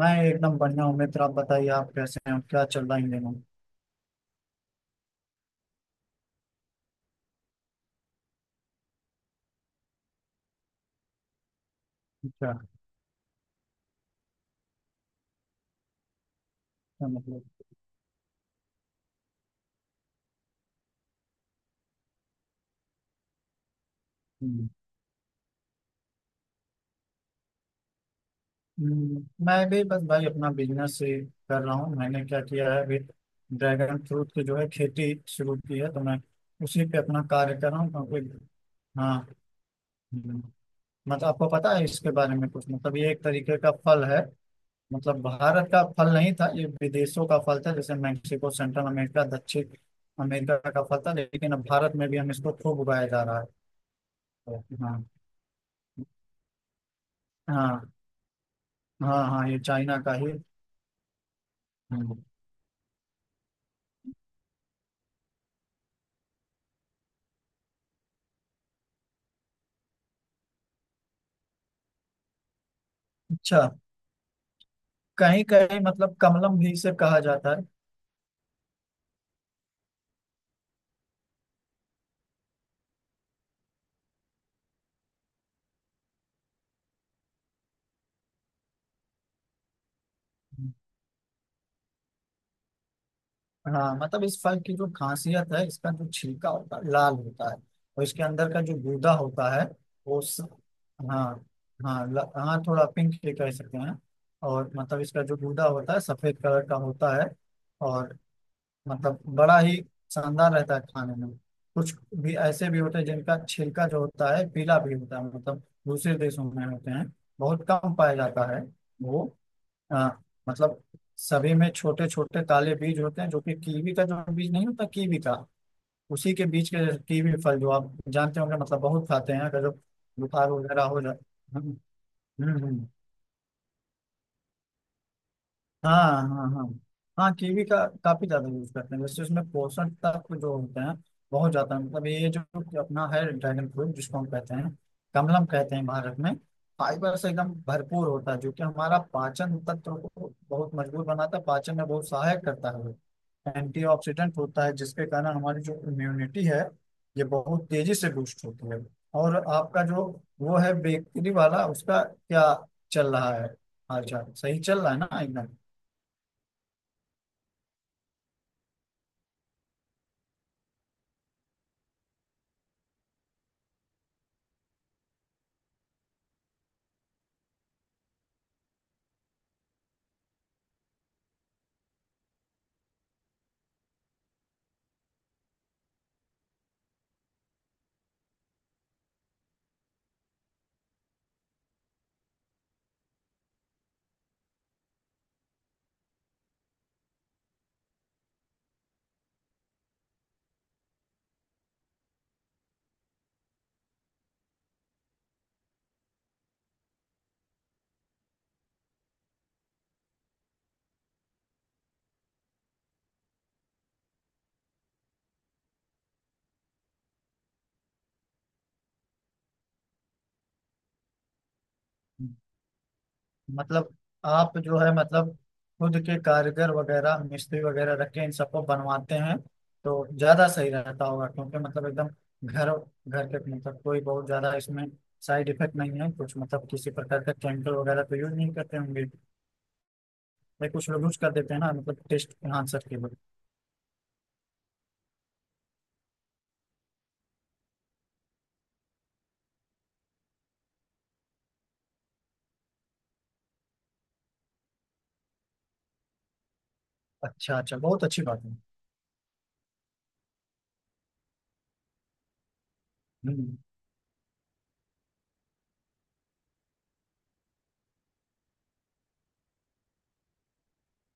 मैं एकदम बढ़िया हूँ मित्र। आप बताइए, आप कैसे हैं? क्या चल रहा है इन दिनों? क्या? क्या मतलब? हम्म, मैं भी बस भाई अपना बिजनेस ही कर रहा हूँ। मैंने क्या किया है, अभी ड्रैगन फ्रूट की जो है खेती शुरू की है, तो मैं उसी पे अपना कार्य कर रहा हूँ, क्योंकि हाँ। हम्म, मतलब आपको पता है इसके बारे में कुछ? मतलब ये एक तरीके का फल है। मतलब भारत का फल नहीं था ये, विदेशों का फल था, जैसे मैक्सिको, सेंट्रल अमेरिका, दक्षिण अमेरिका का फल था, लेकिन अब भारत में भी हम इसको खूब उगाया जा रहा है। हाँ, हाँ, हाँ। हाँ, ये चाइना का ही। हम्म। अच्छा। कहीं कहीं मतलब कमलम भी इसे कहा जाता है। हम्म। हाँ, मतलब इस फल की जो खासियत है, इसका जो छिलका होता है लाल होता है, और इसके अंदर का जो गूदा होता है वो स... हाँ, हाँ, हाँ, थोड़ा पिंक भी कह सकते हैं। और मतलब इसका जो गूदा होता है सफेद कलर का होता है, और मतलब बड़ा ही शानदार रहता है खाने में। कुछ भी ऐसे भी होते हैं जिनका छिलका जो होता है पीला भी होता है, मतलब दूसरे देशों में होते हैं, बहुत कम पाया जाता है वो। आ, मतलब सभी में छोटे छोटे काले बीज होते हैं, जो कि कीवी का जो बीज नहीं होता, कीवी का उसी के बीज के जैसे। कीवी फल जो आप जानते होंगे, मतलब बहुत खाते हैं अगर जो बुखार वगैरह हो जाए। हम्म, हम्म, हाँ, हाँ, हाँ। हाँ, कीवी का काफी ज्यादा यूज करते हैं, वैसे उसमें पोषण तत्व जो होते हैं बहुत ज्यादा है। मतलब ये जो अपना है ड्रैगन फ्रूट, जिसको हम कहते हैं, कमलम कहते हैं भारत में, फाइबर से एकदम भरपूर होता है, जो कि हमारा पाचन तंत्र को बहुत मजबूत बनाता है, पाचन में बहुत सहायक करता है। एंटीऑक्सीडेंट होता है, जिसके कारण हमारी जो इम्यूनिटी है ये बहुत तेजी से बूस्ट होती है। और आपका जो वो है बेकरी वाला, उसका क्या चल रहा है? हाल चाल सही चल रहा है ना, एकदम? मतलब आप जो है मतलब खुद के कारीगर वगैरह, मिस्त्री वगैरह रख के इन सबको बनवाते हैं, तो ज्यादा सही रहता होगा, क्योंकि मतलब एकदम घर घर के, मतलब कोई बहुत ज्यादा इसमें साइड इफेक्ट नहीं है कुछ, मतलब किसी प्रकार का केमिकल वगैरह तो यूज नहीं करते होंगे, या कुछ लोग यूज कर देते हैं ना, मतलब टेस्ट एनहांसर के लिए। अच्छा अच्छा, बहुत अच्छी बात है। हम्म।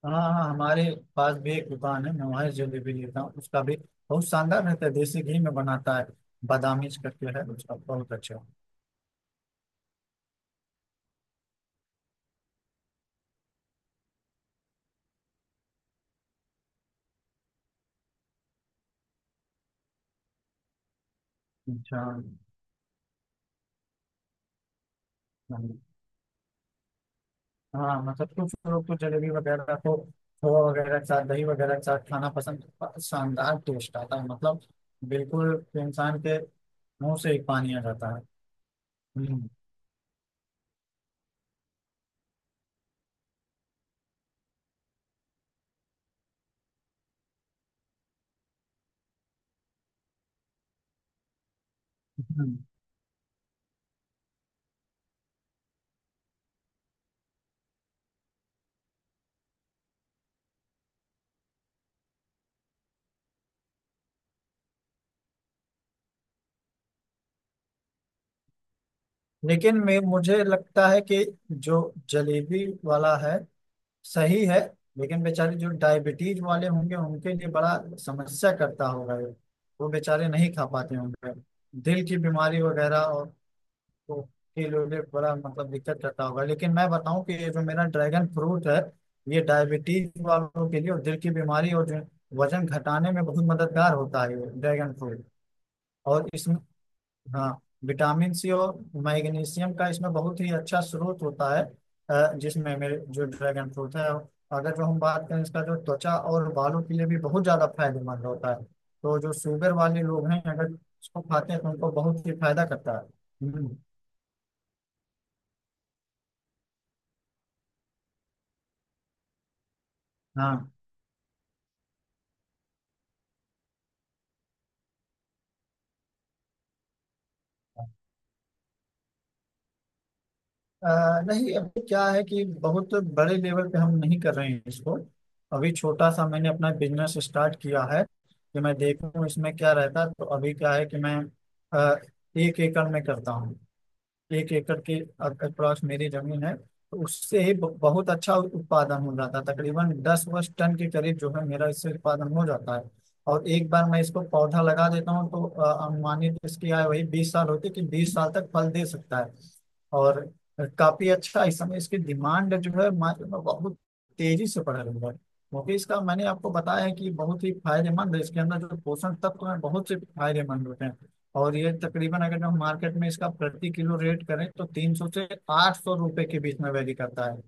हाँ, हाँ, हमारे पास भी एक दुकान है, मैं वहाँ जलेबी लेता हूँ, उसका भी बहुत शानदार रहता है, देसी घी में बनाता है, बादामी करके है उसका बहुत अच्छा। अच्छा। हम्म, हाँ, मतलब कुछ लोग तो जलेबी वगैरह को खोआ वगैरह के साथ, दही वगैरह के साथ खाना पसंद, शानदार टेस्ट आता है, मतलब बिल्कुल इंसान के मुंह से ही पानी आ जाता है। हम्म, हम्म। लेकिन मैं, मुझे लगता है कि जो जलेबी वाला है सही है, लेकिन बेचारे जो डायबिटीज वाले होंगे उनके लिए बड़ा समस्या करता होगा ये, वो बेचारे नहीं खा पाते होंगे। दिल की बीमारी वगैरह और तो के लिए बड़ा मतलब दिक्कत करता होगा। लेकिन मैं बताऊं कि ये जो मेरा ड्रैगन फ्रूट है, ये डायबिटीज वालों के लिए और दिल की बीमारी, और जो वजन घटाने में बहुत मददगार होता है ये ड्रैगन फ्रूट। और इसमें हाँ, विटामिन सी और मैग्नीशियम का इसमें बहुत ही अच्छा स्रोत होता है। जिसमें मेरे जो ड्रैगन फ्रूट है, अगर जो हम बात करें, इसका जो त्वचा और बालों के लिए भी बहुत ज्यादा फायदेमंद होता है, तो जो शुगर वाले लोग हैं अगर इसको खाते हैं तो उनको बहुत ही फायदा करता है। हम्म, हाँ। अ, नहीं, अभी क्या है कि बहुत बड़े लेवल पे हम नहीं कर रहे हैं इसको, अभी छोटा सा मैंने अपना बिजनेस स्टार्ट किया है कि मैं देखूं इसमें क्या रहता है। तो अभी क्या है कि मैं अ, 1 एकड़ में करता हूँ, 1 एकड़ के अक्रॉस मेरी जमीन है, तो उससे ही बहुत अच्छा उत्पादन हो जाता है, तकरीबन 10 वर्ष टन के करीब जो है मेरा इससे उत्पादन हो जाता है। और एक बार मैं इसको पौधा लगा देता हूँ, तो अनुमानित इसकी आयु वही 20 साल होती है, कि 20 साल तक फल दे सकता है। और काफी अच्छा इस समय इसकी डिमांड जो है मार्केट में बहुत तेजी से बढ़ रही है, क्योंकि इसका मैंने आपको बताया है कि बहुत ही फायदेमंद है, इसके अंदर जो पोषण तत्व हैं बहुत से फायदेमंद होते हैं। और ये तकरीबन अगर हम मार्केट में इसका प्रति किलो रेट करें तो 300 से 800 रुपए के बीच में वैरी करता है।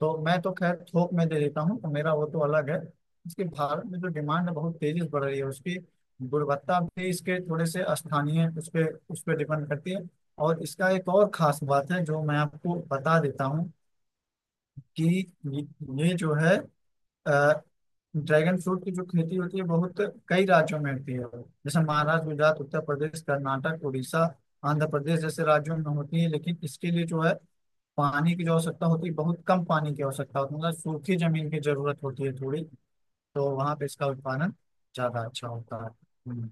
तो मैं तो खैर थोक में दे देता हूँ, तो मेरा वो तो अलग है। इसकी भारत में जो डिमांड है बहुत तेजी से बढ़ रही है। उसकी गुणवत्ता भी इसके थोड़े से स्थानीय उस पे डिपेंड करती है। और इसका एक और खास बात है जो मैं आपको बता देता हूँ कि ये जो है अ, ड्रैगन फ्रूट की जो खेती होती है बहुत कई राज्यों में होती है, जैसे महाराष्ट्र, गुजरात, उत्तर प्रदेश, कर्नाटक, उड़ीसा, आंध्र प्रदेश जैसे राज्यों में होती है। लेकिन इसके लिए जो है पानी की जो आवश्यकता होती है, बहुत कम पानी की आवश्यकता होती है, मतलब सूखी जमीन की जरूरत होती है थोड़ी, तो वहां पे इसका उत्पादन ज्यादा अच्छा होता है। हम्म।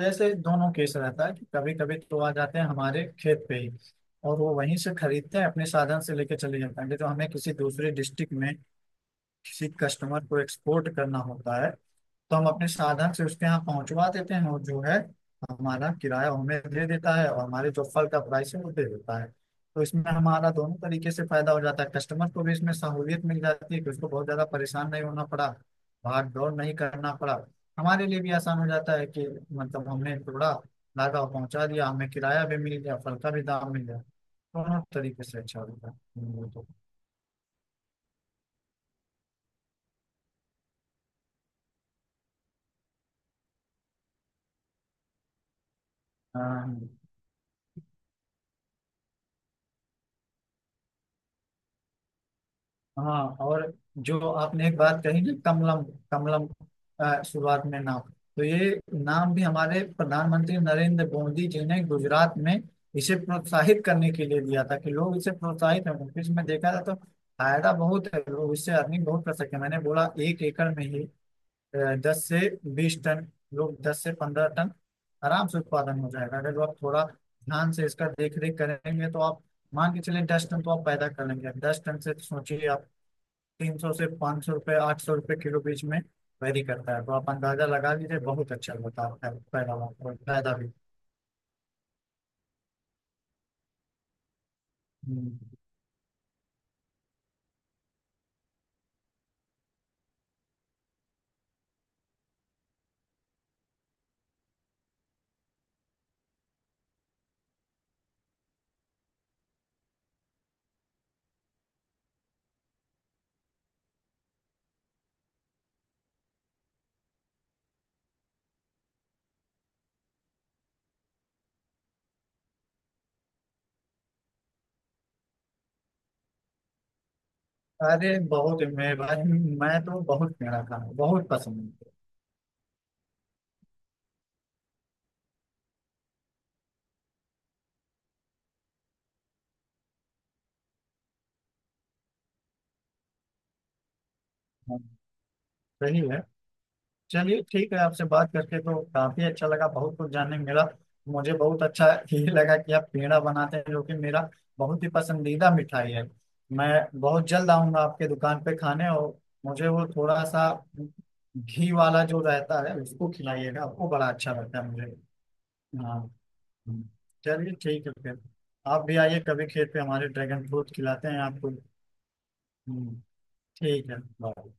जैसे दोनों केस रहता है, कि कभी कभी तो आ जाते हैं हमारे खेत पे ही, और वो वहीं से खरीदते हैं, अपने साधन से लेके चले जाते हैं। तो हमें किसी दूसरे डिस्ट्रिक्ट में किसी कस्टमर को एक्सपोर्ट करना होता है, तो हम अपने साधन से उसके यहाँ पहुंचवा देते हैं, और जो है हमारा किराया वो हमें दे देता है और हमारे जो फल का प्राइस है वो दे देता है। तो इसमें हमारा दोनों तरीके से फायदा हो जाता है, कस्टमर को भी इसमें सहूलियत मिल जाती है कि उसको बहुत ज्यादा परेशान नहीं होना पड़ा, भाग दौड़ नहीं करना पड़ा। हमारे लिए भी आसान हो जाता है कि मतलब हमने टुकड़ा लागा और पहुंचा दिया, हमें किराया भी मिल गया, फल का भी दाम मिल गया, दोनों तरीके से अच्छा होता है। तो, हाँ, हाँ, और जो आपने एक बात कही ना, कमलम, कमलम शुरुआत में नाम, तो ये नाम भी हमारे प्रधानमंत्री नरेंद्र मोदी जी ने गुजरात में इसे प्रोत्साहित करने के लिए दिया था कि लोग इसे प्रोत्साहित हों, क्योंकि इसमें देखा जाए तो फायदा बहुत है, लोग इससे अर्निंग बहुत कर सकते हैं। मैंने बोला 1 एकड़ में ही 10 से 20 टन, लोग 10 से 15 टन आराम से उत्पादन हो जाएगा, अगर लोग थोड़ा ध्यान से इसका देख रेख करेंगे तो। आप मान के चलिए 10 टन तो आप पैदा कर लेंगे, 10 टन से सोचिए आप, 300 से 500 रुपये, 800 रुपये किलो बीच में वेरी करता है, तो आप अंदाजा लगा लीजिए, बहुत अच्छा होता है पैदावार और फायदा भी। हम्म। अरे बहुत, मैं भाई, मैं तो बहुत, मेरा खाना बहुत पसंद है। हाँ, सही है। चलिए ठीक है, आपसे बात करके तो काफी अच्छा लगा, बहुत कुछ जानने को मिला। मुझे बहुत अच्छा ये लगा कि आप पेड़ा बनाते हैं, जो कि मेरा बहुत ही पसंदीदा मिठाई है। मैं बहुत जल्द आऊंगा आपके दुकान पे खाने, और मुझे वो थोड़ा सा घी वाला जो रहता है उसको खिलाइएगा, आपको बड़ा अच्छा लगता है मुझे। हाँ। हम्म। चलिए ठीक है फिर, आप भी आइए कभी, खेत पे हमारे ड्रैगन फ्रूट खिलाते हैं आपको। हम्म, ठीक है, बाय।